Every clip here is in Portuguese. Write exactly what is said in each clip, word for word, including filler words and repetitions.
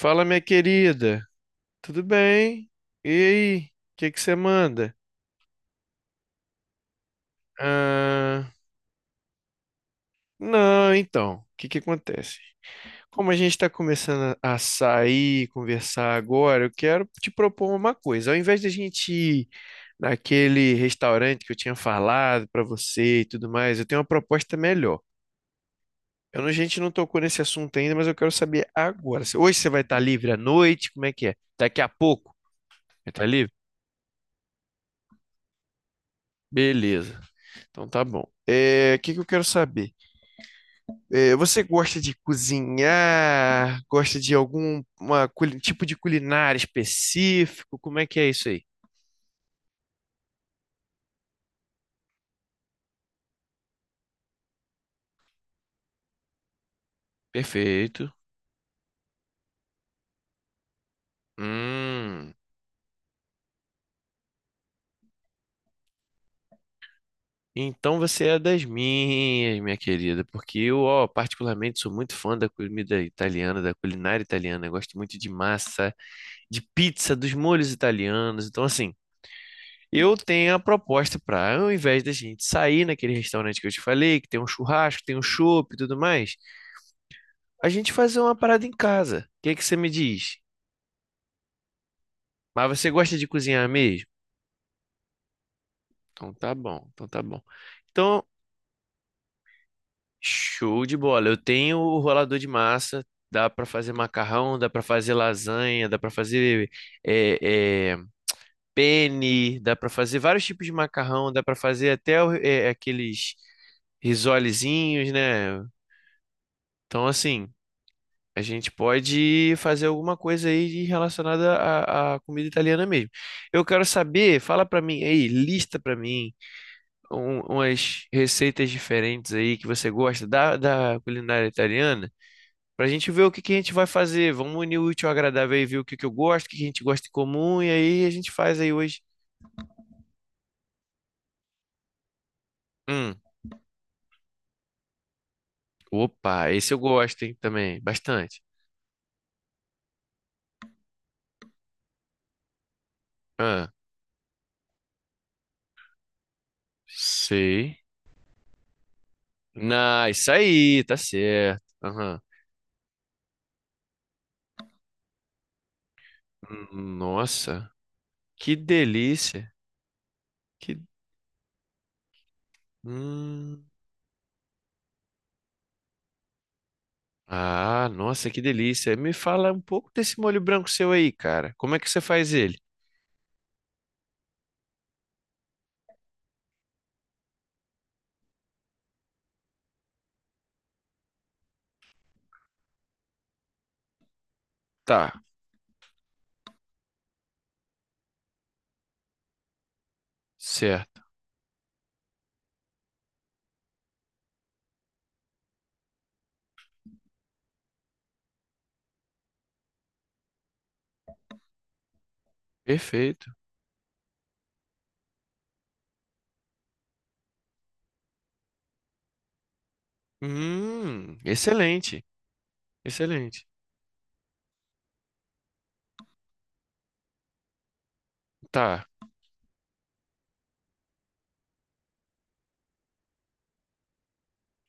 Fala, minha querida. Tudo bem? E aí? O que que você manda? Ah, não, então, o que que acontece? Como a gente está começando a a sair, conversar agora, eu quero te propor uma coisa. Ao invés de a gente ir naquele restaurante que eu tinha falado para você e tudo mais, eu tenho uma proposta melhor. Eu não- A gente não tocou nesse assunto ainda, mas eu quero saber agora. Se- Hoje você vai estar livre à noite? Como é que é? Daqui a pouco? Vai estar livre? Beleza. Então tá bom. É, o que que eu quero saber? É, você gosta de cozinhar? Gosta de algum uma culi- tipo de culinária específico? Como é que é isso aí? Perfeito. Hum, então você é das minhas, minha querida, porque eu, ó, particularmente sou muito fã da comida italiana, da culinária italiana. Eu gosto muito de massa, de pizza, dos molhos italianos. Então, assim, eu tenho a proposta para, ao invés da gente sair naquele restaurante que eu te falei, que tem um churrasco, tem um chopp e tudo mais, a gente fazer uma parada em casa. O que é que você me diz? Mas você gosta de cozinhar mesmo? Então tá bom, então tá bom. Então, show de bola. Eu tenho o rolador de massa, dá para fazer macarrão, dá para fazer lasanha, dá para fazer é, é, penne, dá para fazer vários tipos de macarrão, dá para fazer até o- é, aqueles risolezinhos, né? Então, assim. A gente pode fazer alguma coisa aí de- relacionada à, à comida italiana mesmo. Eu quero saber, fala pra mim aí, lista pra mim um- umas receitas diferentes aí que você gosta da, da culinária italiana, pra gente ver o que que a gente vai fazer. Vamos unir o útil ao agradável e ver o que que eu gosto, o que que a gente gosta em comum, e aí a gente faz aí hoje. Hum, Opa, esse eu gosto, hein, também, bastante. Ah, sei. Na, isso aí, tá certo. Aham. Nossa. Que delícia. Que... Hum. Ah, nossa, que delícia. Me fala um pouco desse molho branco seu aí, cara. Como é que você faz ele? Tá, certo. Perfeito. Hum, excelente. Excelente. Tá.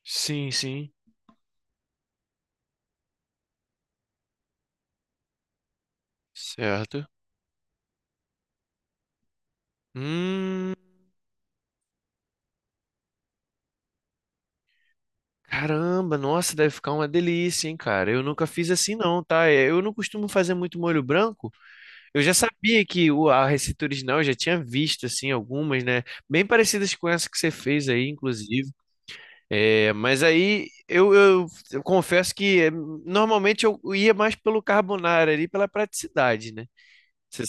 Sim, sim. Certo. Hum, Caramba, nossa, deve ficar uma delícia, hein, cara. Eu nunca fiz assim não, tá? Eu não costumo fazer muito molho branco. Eu já sabia que o- a receita original, eu já tinha visto, assim, algumas, né? Bem parecidas com essa que você fez aí, inclusive. É, mas aí, eu, eu- eu confesso que eh, normalmente eu ia mais pelo carbonara ali, pela praticidade, né? Cê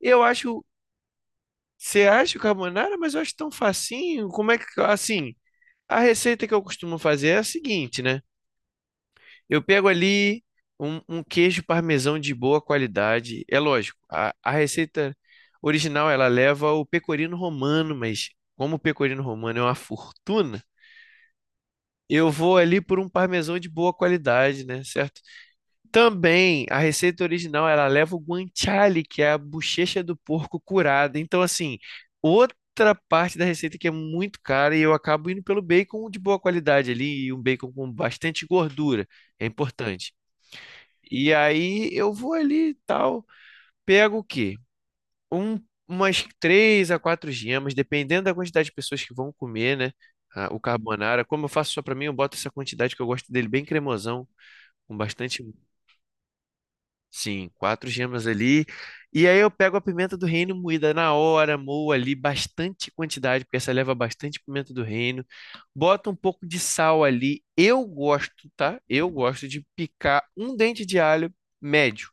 Eu acho... Você acha o carbonara, mas eu acho tão facinho. Como é que... Assim, a receita que eu costumo fazer é a seguinte, né? Eu pego ali um, um queijo parmesão de boa qualidade. É lógico, a, a receita original ela leva o pecorino romano, mas como o pecorino romano é uma fortuna, eu vou ali por um parmesão de boa qualidade, né? Certo? Também a receita original ela leva o guanciale, que é a bochecha do porco curada. Então, assim, outra parte da receita que é muito cara e eu acabo indo pelo bacon de boa qualidade ali, e um bacon com bastante gordura. É importante. E aí eu vou ali e tal, pego o quê? Um, Umas três a quatro gemas, dependendo da quantidade de pessoas que vão comer, né? Ah, o carbonara, como eu faço só pra mim, eu boto essa quantidade que eu gosto dele bem cremosão, com bastante, sim, quatro gemas ali. E aí eu pego a pimenta do reino moída na hora, moo ali bastante quantidade, porque essa leva bastante pimenta do reino. Bota um pouco de sal ali. Eu gosto, tá? Eu gosto de picar um dente de alho médio.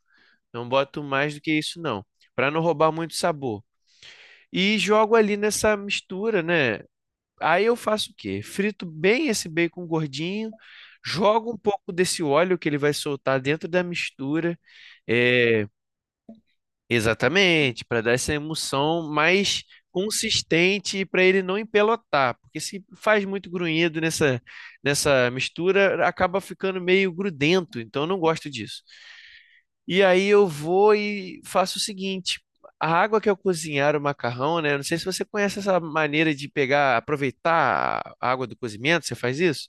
Não boto mais do que isso, não, para não roubar muito sabor. E jogo ali nessa mistura, né? Aí eu faço o quê? Frito bem esse bacon gordinho, jogo um pouco desse óleo que ele vai soltar dentro da mistura, é, exatamente, para dar essa emulsão mais consistente para ele não empelotar, porque se faz muito grunhido nessa, nessa mistura, acaba ficando meio grudento, então eu não gosto disso. E aí eu vou e faço o seguinte: a água que eu cozinhar o macarrão, né? Não sei se você conhece essa maneira de pegar, aproveitar a água do cozimento, você faz isso?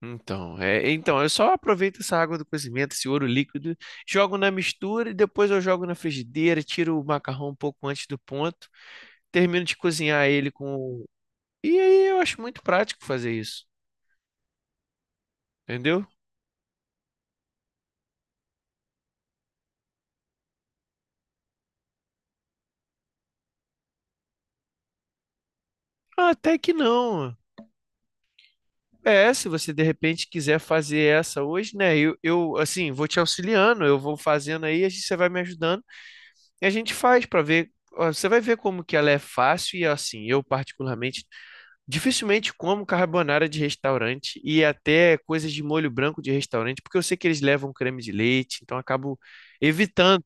Então, é, então, eu só aproveito essa água do cozimento, esse ouro líquido, jogo na mistura e depois eu jogo na frigideira, tiro o macarrão um pouco antes do ponto, termino de cozinhar ele com. E aí eu acho muito prático fazer isso, entendeu? Ah, até que não. É, se você de repente quiser fazer essa hoje, né? Eu, eu assim, vou te auxiliando, eu vou fazendo aí, a gente, você vai me ajudando e a gente faz para ver. Ó, você vai ver como que ela é fácil e assim, eu particularmente dificilmente como carbonara de restaurante e até coisas de molho branco de restaurante, porque eu sei que eles levam creme de leite, então eu acabo evitando.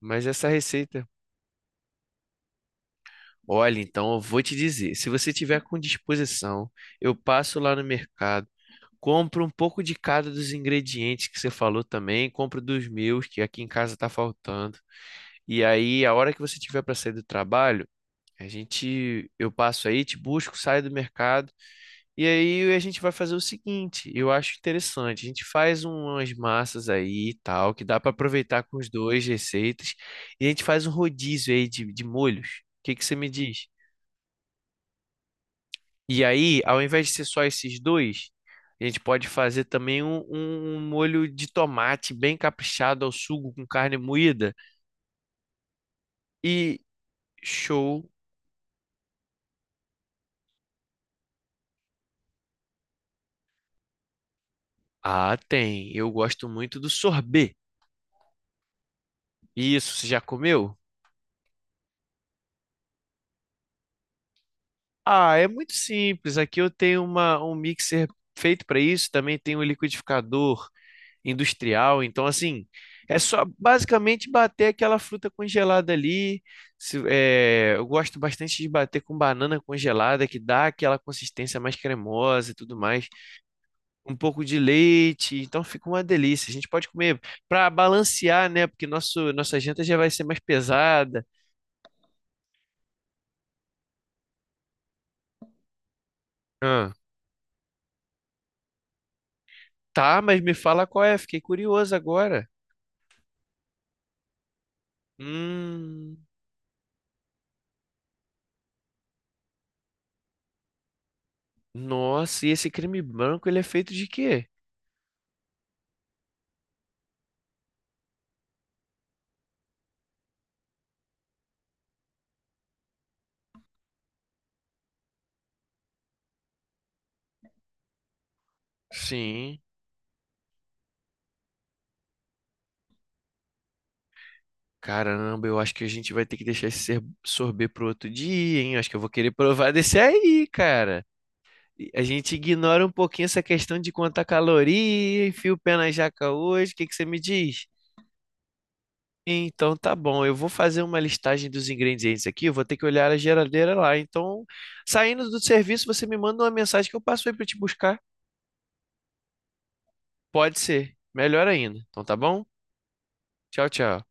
Mas essa receita... Olha, então eu vou te dizer, se você tiver com disposição, eu passo lá no mercado, compro um pouco de cada dos ingredientes que você falou também, compro dos meus, que aqui em casa tá faltando. E aí, a hora que você tiver para sair do trabalho, a gente, eu passo aí, te busco, saio do mercado, e aí a gente vai fazer o seguinte, eu acho interessante, a gente faz umas massas aí e tal, que dá para aproveitar com os dois receitas, e a gente faz um rodízio aí de, de molhos. O que que você me diz? E aí, ao invés de ser só esses dois, a gente pode fazer também um, um um molho de tomate bem caprichado ao sugo com carne moída. E show! Ah, tem. Eu gosto muito do sorbet. Isso, você já comeu? Ah, é muito simples. Aqui eu tenho uma, um mixer feito para isso. Também tem um liquidificador industrial. Então, assim, é só basicamente bater aquela fruta congelada ali. Se- é, eu gosto bastante de bater com banana congelada, que dá aquela consistência mais cremosa e tudo mais. Um pouco de leite, então fica uma delícia. A gente pode comer para balancear, né? Porque nosso, nossa janta já vai ser mais pesada. Ah, tá, mas me fala qual é, fiquei curioso agora. Hum, nossa, e esse creme branco, ele é feito de quê? Sim. Caramba, eu acho que a gente vai ter que deixar esse ser- sorbet pro outro dia, hein? Eu acho que eu vou querer provar desse aí, cara. E a gente ignora um pouquinho essa questão de contar caloria, enfia o pé na jaca hoje. O que que você me diz? Então tá bom, eu vou fazer uma listagem dos ingredientes aqui, eu vou ter que olhar a geladeira lá. Então, saindo do serviço, você me manda uma mensagem que eu passo aí pra te buscar. Pode ser, melhor ainda. Então tá bom? Tchau, tchau.